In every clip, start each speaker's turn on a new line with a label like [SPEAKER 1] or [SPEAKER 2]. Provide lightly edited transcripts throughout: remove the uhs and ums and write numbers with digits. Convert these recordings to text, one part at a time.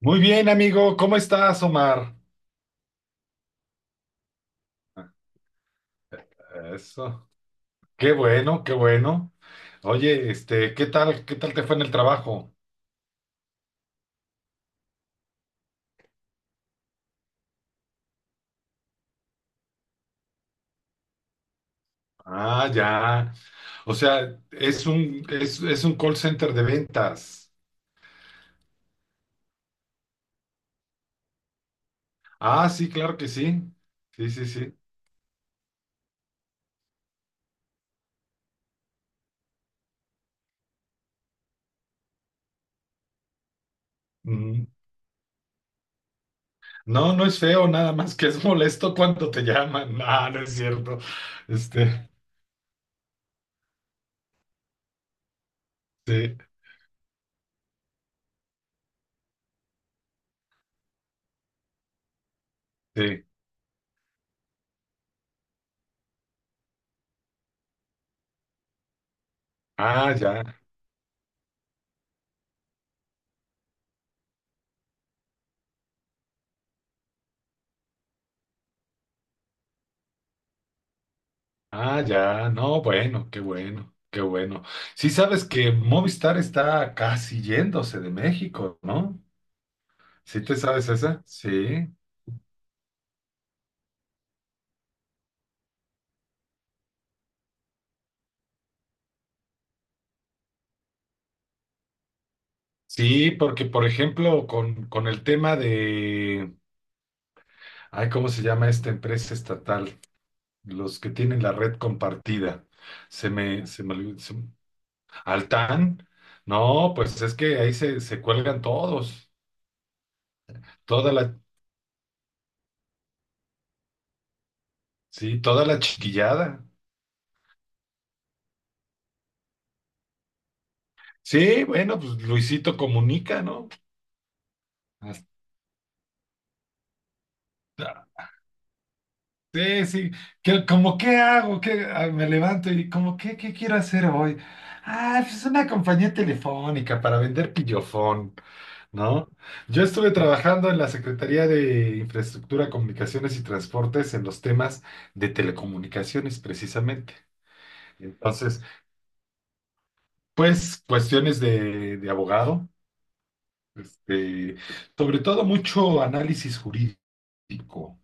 [SPEAKER 1] Muy bien, amigo. ¿Cómo estás, Omar? Eso. Qué bueno, qué bueno. Oye, ¿qué tal te fue en el trabajo? Ah, ya. O sea, es un call center de ventas. Ah, sí, claro que sí. Sí, sí, sí. Mm. No, no es feo, nada más que es molesto cuando te llaman. Ah, no es cierto. Este, sí, sí. Ah, ya. Ah, ya, no, bueno, qué bueno, qué bueno. ¿Sí sabes que Movistar está casi yéndose de México, no? ¿Sí te sabes esa? Sí. Sí, porque por ejemplo, con el tema de, ay, ¿cómo se llama esta empresa estatal? Los que tienen la red compartida. Se me olvidó. Altán. No, pues es que ahí se cuelgan todos. Toda la, sí, toda la chiquillada. Sí, bueno, pues Luisito comunica, ¿no? Ah, sí, sí, que como qué hago, que me levanto y como qué, qué quiero hacer hoy. Ah, pues una compañía telefónica para vender pillofón, ¿no? Yo estuve trabajando en la Secretaría de Infraestructura, Comunicaciones y Transportes en los temas de telecomunicaciones, precisamente. Entonces, pues cuestiones de abogado, este, sobre todo mucho análisis jurídico,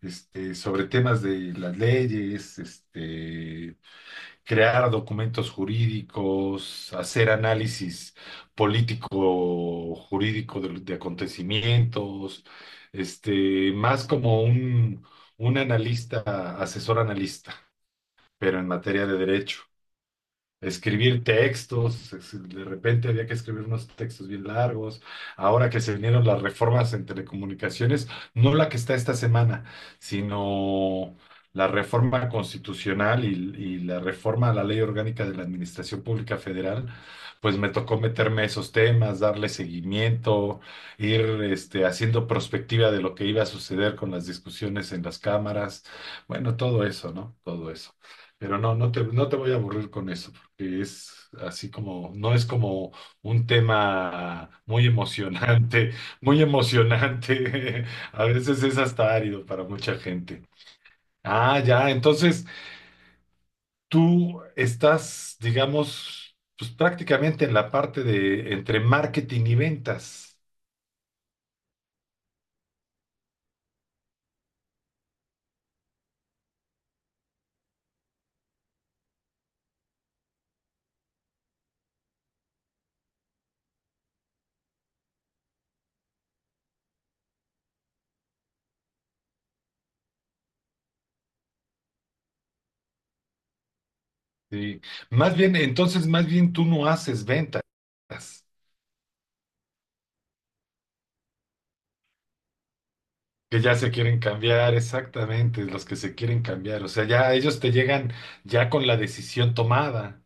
[SPEAKER 1] sobre temas de las leyes, crear documentos jurídicos, hacer análisis político jurídico de acontecimientos, más como un analista, asesor analista, pero en materia de derecho escribir textos, de repente había que escribir unos textos bien largos. Ahora que se vinieron las reformas en telecomunicaciones, no la que está esta semana, sino la reforma constitucional y la reforma a la Ley Orgánica de la Administración Pública Federal, pues me tocó meterme a esos temas, darle seguimiento, ir haciendo prospectiva de lo que iba a suceder con las discusiones en las cámaras, bueno, todo eso, ¿no? Todo eso. Pero no te voy a aburrir con eso, porque es así como, no es como un tema muy emocionante, muy emocionante. A veces es hasta árido para mucha gente. Ah, ya, entonces tú estás, digamos, pues prácticamente en la parte de entre marketing y ventas. Sí. Más bien, entonces, más bien tú no haces ventas. Que ya se quieren cambiar, exactamente, los que se quieren cambiar. O sea, ya ellos te llegan ya con la decisión tomada.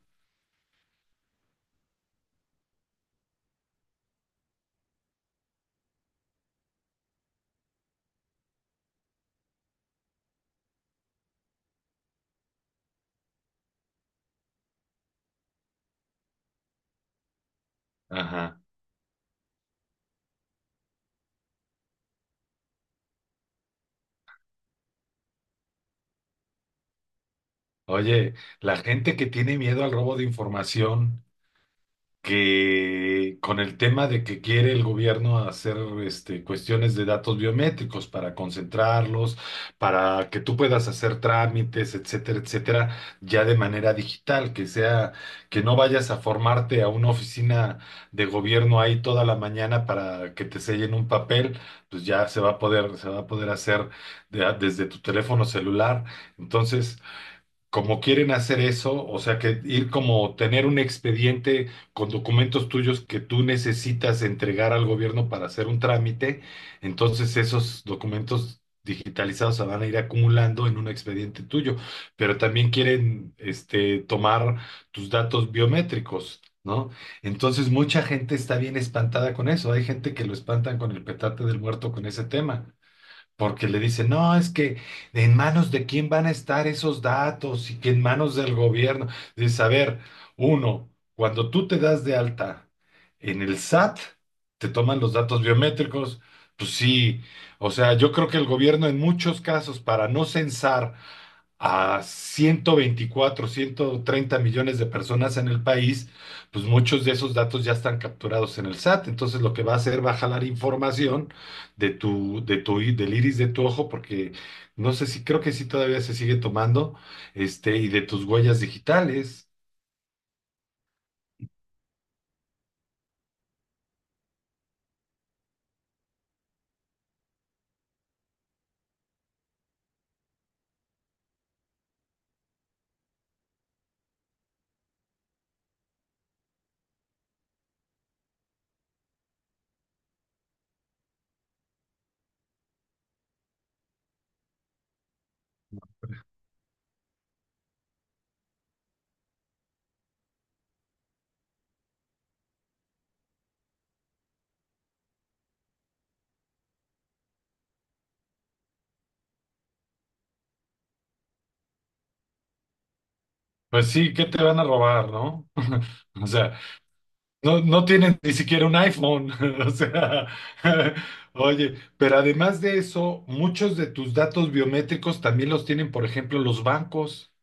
[SPEAKER 1] Ajá. Oye, la gente que tiene miedo al robo de información, que con el tema de que quiere el gobierno hacer cuestiones de datos biométricos para concentrarlos, para que tú puedas hacer trámites, etcétera, etcétera, ya de manera digital, que sea, que no vayas a formarte a una oficina de gobierno ahí toda la mañana para que te sellen un papel, pues ya se va a poder hacer desde tu teléfono celular. Entonces, como quieren hacer eso, o sea, que ir como tener un expediente con documentos tuyos que tú necesitas entregar al gobierno para hacer un trámite, entonces esos documentos digitalizados se van a ir acumulando en un expediente tuyo, pero también quieren tomar tus datos biométricos, ¿no? Entonces mucha gente está bien espantada con eso. Hay gente que lo espantan con el petate del muerto con ese tema porque le dicen, no, es que en manos de quién van a estar esos datos, y que en manos del gobierno. Dices, a ver, uno, cuando tú te das de alta en el SAT, te toman los datos biométricos, pues sí, o sea, yo creo que el gobierno en muchos casos, para no censar a 124 130 millones de personas en el país, pues muchos de esos datos ya están capturados en el SAT. Entonces lo que va a hacer va a jalar información del iris de tu ojo, porque no sé si, creo que sí todavía se sigue tomando, y de tus huellas digitales. Pues sí, ¿qué te van a robar, no? O sea, No, no tienen ni siquiera un iPhone, o sea, oye, pero además de eso, muchos de tus datos biométricos también los tienen, por ejemplo, los bancos.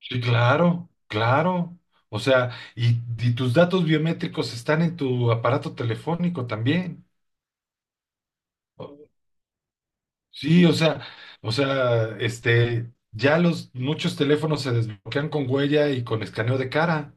[SPEAKER 1] Sí, claro, claro. O sea, y tus datos biométricos están en tu aparato telefónico también. O- Sí, o sea, ya los muchos teléfonos se desbloquean con huella y con escaneo de cara.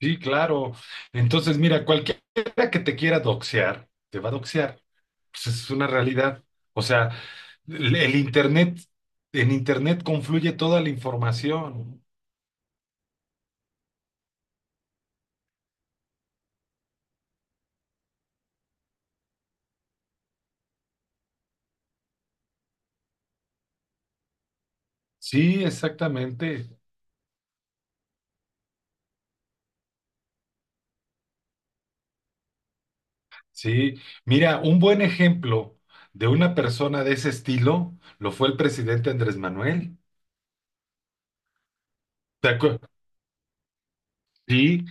[SPEAKER 1] Sí, claro. Entonces, mira, cualquiera que te quiera doxear, te va a doxear. Pues es una realidad. O sea, el internet, en internet confluye toda la información. Sí, exactamente. Sí. Mira, un buen ejemplo de una persona de ese estilo lo fue el presidente Andrés Manuel. ¿Te acuer- Sí.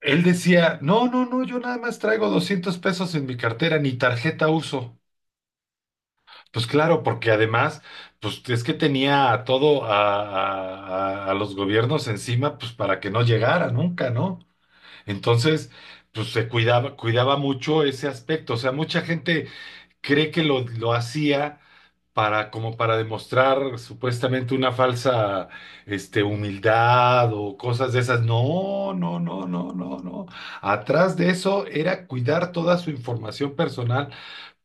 [SPEAKER 1] Él decía, no, no, no, yo nada más traigo 200 pesos en mi cartera, ni tarjeta uso. Pues claro, porque además, pues es que tenía a todo a los gobiernos encima, pues para que no llegara nunca, ¿no? Entonces, pues cuidaba mucho ese aspecto. O sea, mucha gente cree que lo hacía para, como para demostrar supuestamente una falsa, humildad o cosas de esas. No, no, no, no, no, no. Atrás de eso era cuidar toda su información personal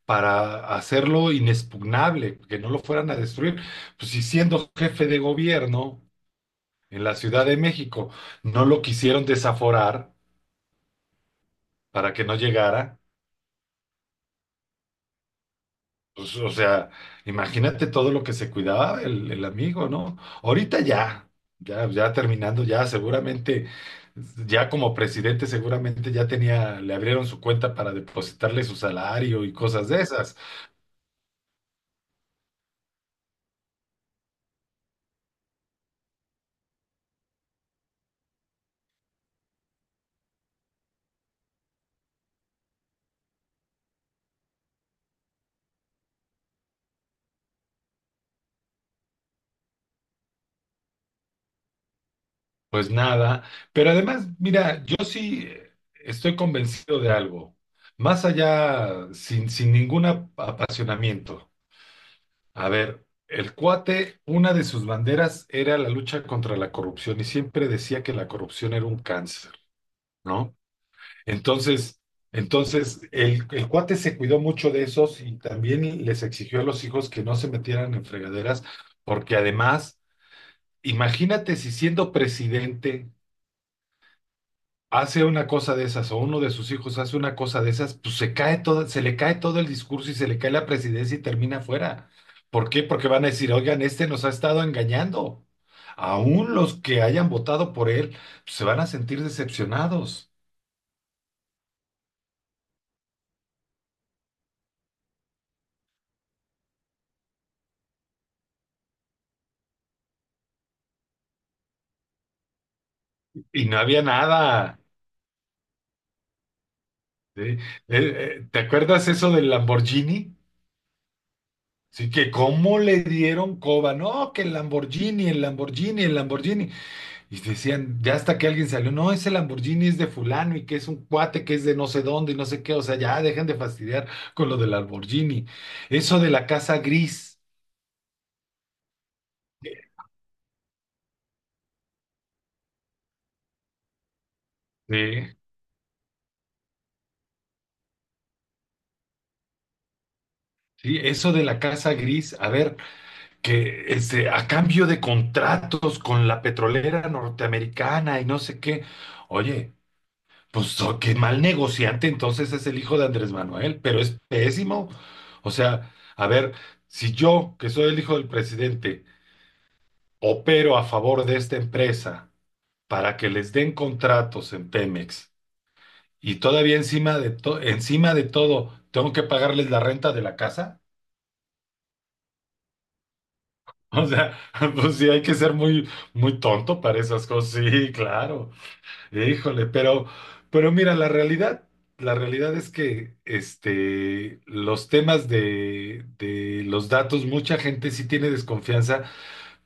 [SPEAKER 1] para hacerlo inexpugnable, que no lo fueran a destruir. Pues si siendo jefe de gobierno en la Ciudad de México no lo quisieron desaforar para que no llegara, pues o sea, imagínate todo lo que se cuidaba el amigo, ¿no? Ahorita ya terminando, ya seguramente, ya como presidente seguramente ya tenía, le abrieron su cuenta para depositarle su salario y cosas de esas. Pues nada, pero además, mira, yo sí estoy convencido de algo, más allá, sin ningún apasionamiento. A ver, el cuate, una de sus banderas era la lucha contra la corrupción y siempre decía que la corrupción era un cáncer, ¿no? Entonces, entonces el cuate se cuidó mucho de esos y también les exigió a los hijos que no se metieran en fregaderas, porque además, imagínate si siendo presidente hace una cosa de esas, o uno de sus hijos hace una cosa de esas, pues se cae todo, se le cae todo el discurso y se le cae la presidencia y termina fuera. ¿Por qué? Porque van a decir, oigan, este nos ha estado engañando. Aún los que hayan votado por él, pues, se van a sentir decepcionados. Y no había nada. ¿Sí? ¿Te acuerdas eso del Lamborghini? Sí, que cómo le dieron coba, no, que el Lamborghini, el Lamborghini, el Lamborghini. Y decían, ya hasta que alguien salió, no, ese Lamborghini es de fulano y que es un cuate que es de no sé dónde y no sé qué, o sea, ya dejen de fastidiar con lo del Lamborghini. Eso de la casa gris, sí, sí, eso de la casa gris, a ver, que a cambio de contratos con la petrolera norteamericana y no sé qué, oye, pues oh, qué mal negociante entonces es el hijo de Andrés Manuel, pero es pésimo. O sea, a ver, si yo, que soy el hijo del presidente, opero a favor de esta empresa para que les den contratos en Pemex y todavía encima de todo tengo que pagarles la renta de la casa. O sea, pues sí hay que ser muy muy tonto para esas cosas. Sí, claro. Híjole, pero mira, la realidad la realidad es que los temas de los datos, mucha gente sí tiene desconfianza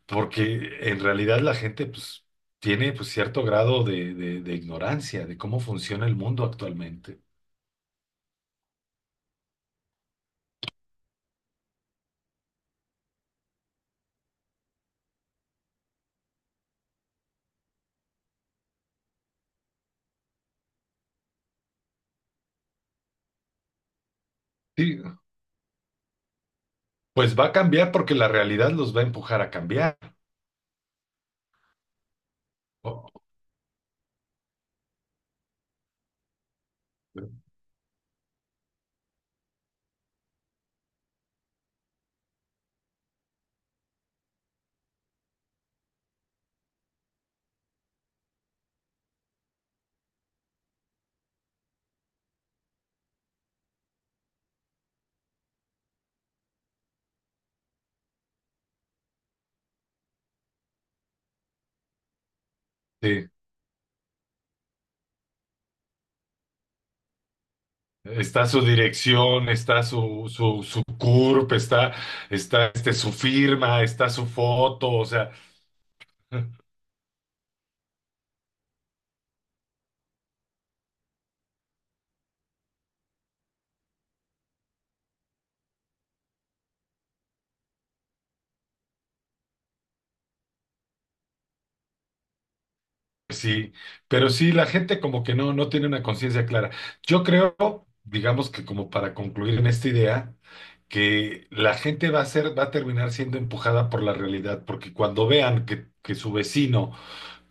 [SPEAKER 1] porque en realidad la gente pues, tiene pues, cierto grado de ignorancia de cómo funciona el mundo actualmente. Sí, pues va a cambiar porque la realidad los va a empujar a cambiar. O- Sí. Está su dirección, está su, su CURP, está su firma, está su foto, o sea. Sí, pero sí, la gente como que no, no tiene una conciencia clara. Yo creo, digamos que como para concluir en esta idea, que la gente va a terminar siendo empujada por la realidad, porque cuando vean que su vecino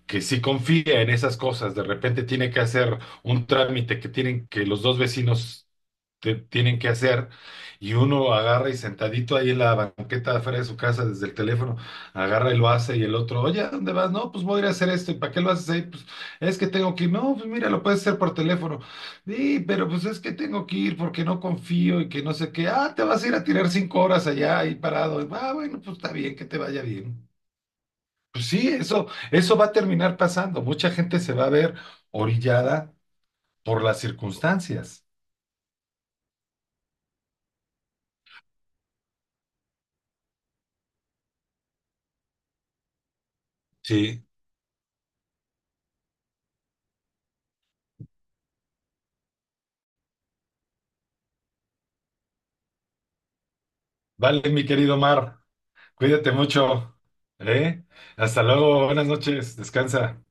[SPEAKER 1] que sí confía en esas cosas, de repente tiene que hacer un trámite que tienen que los dos vecinos tienen que hacer y uno agarra y sentadito ahí en la banqueta de afuera de su casa desde el teléfono, agarra y lo hace y el otro, oye, ¿a dónde vas? No, pues voy a ir a hacer esto, ¿y para qué lo haces ahí? Pues es que tengo que ir, no, pues mira, lo puedes hacer por teléfono, sí, pero pues es que tengo que ir porque no confío y que no sé qué, ah, te vas a ir a tirar 5 horas allá ahí parado, ah, bueno, pues está bien, que te vaya bien. Pues sí, eso va a terminar pasando. Mucha gente se va a ver orillada por las circunstancias. Sí. Vale, mi querido Mar, cuídate mucho, ¿eh? Hasta luego, buenas noches, descansa.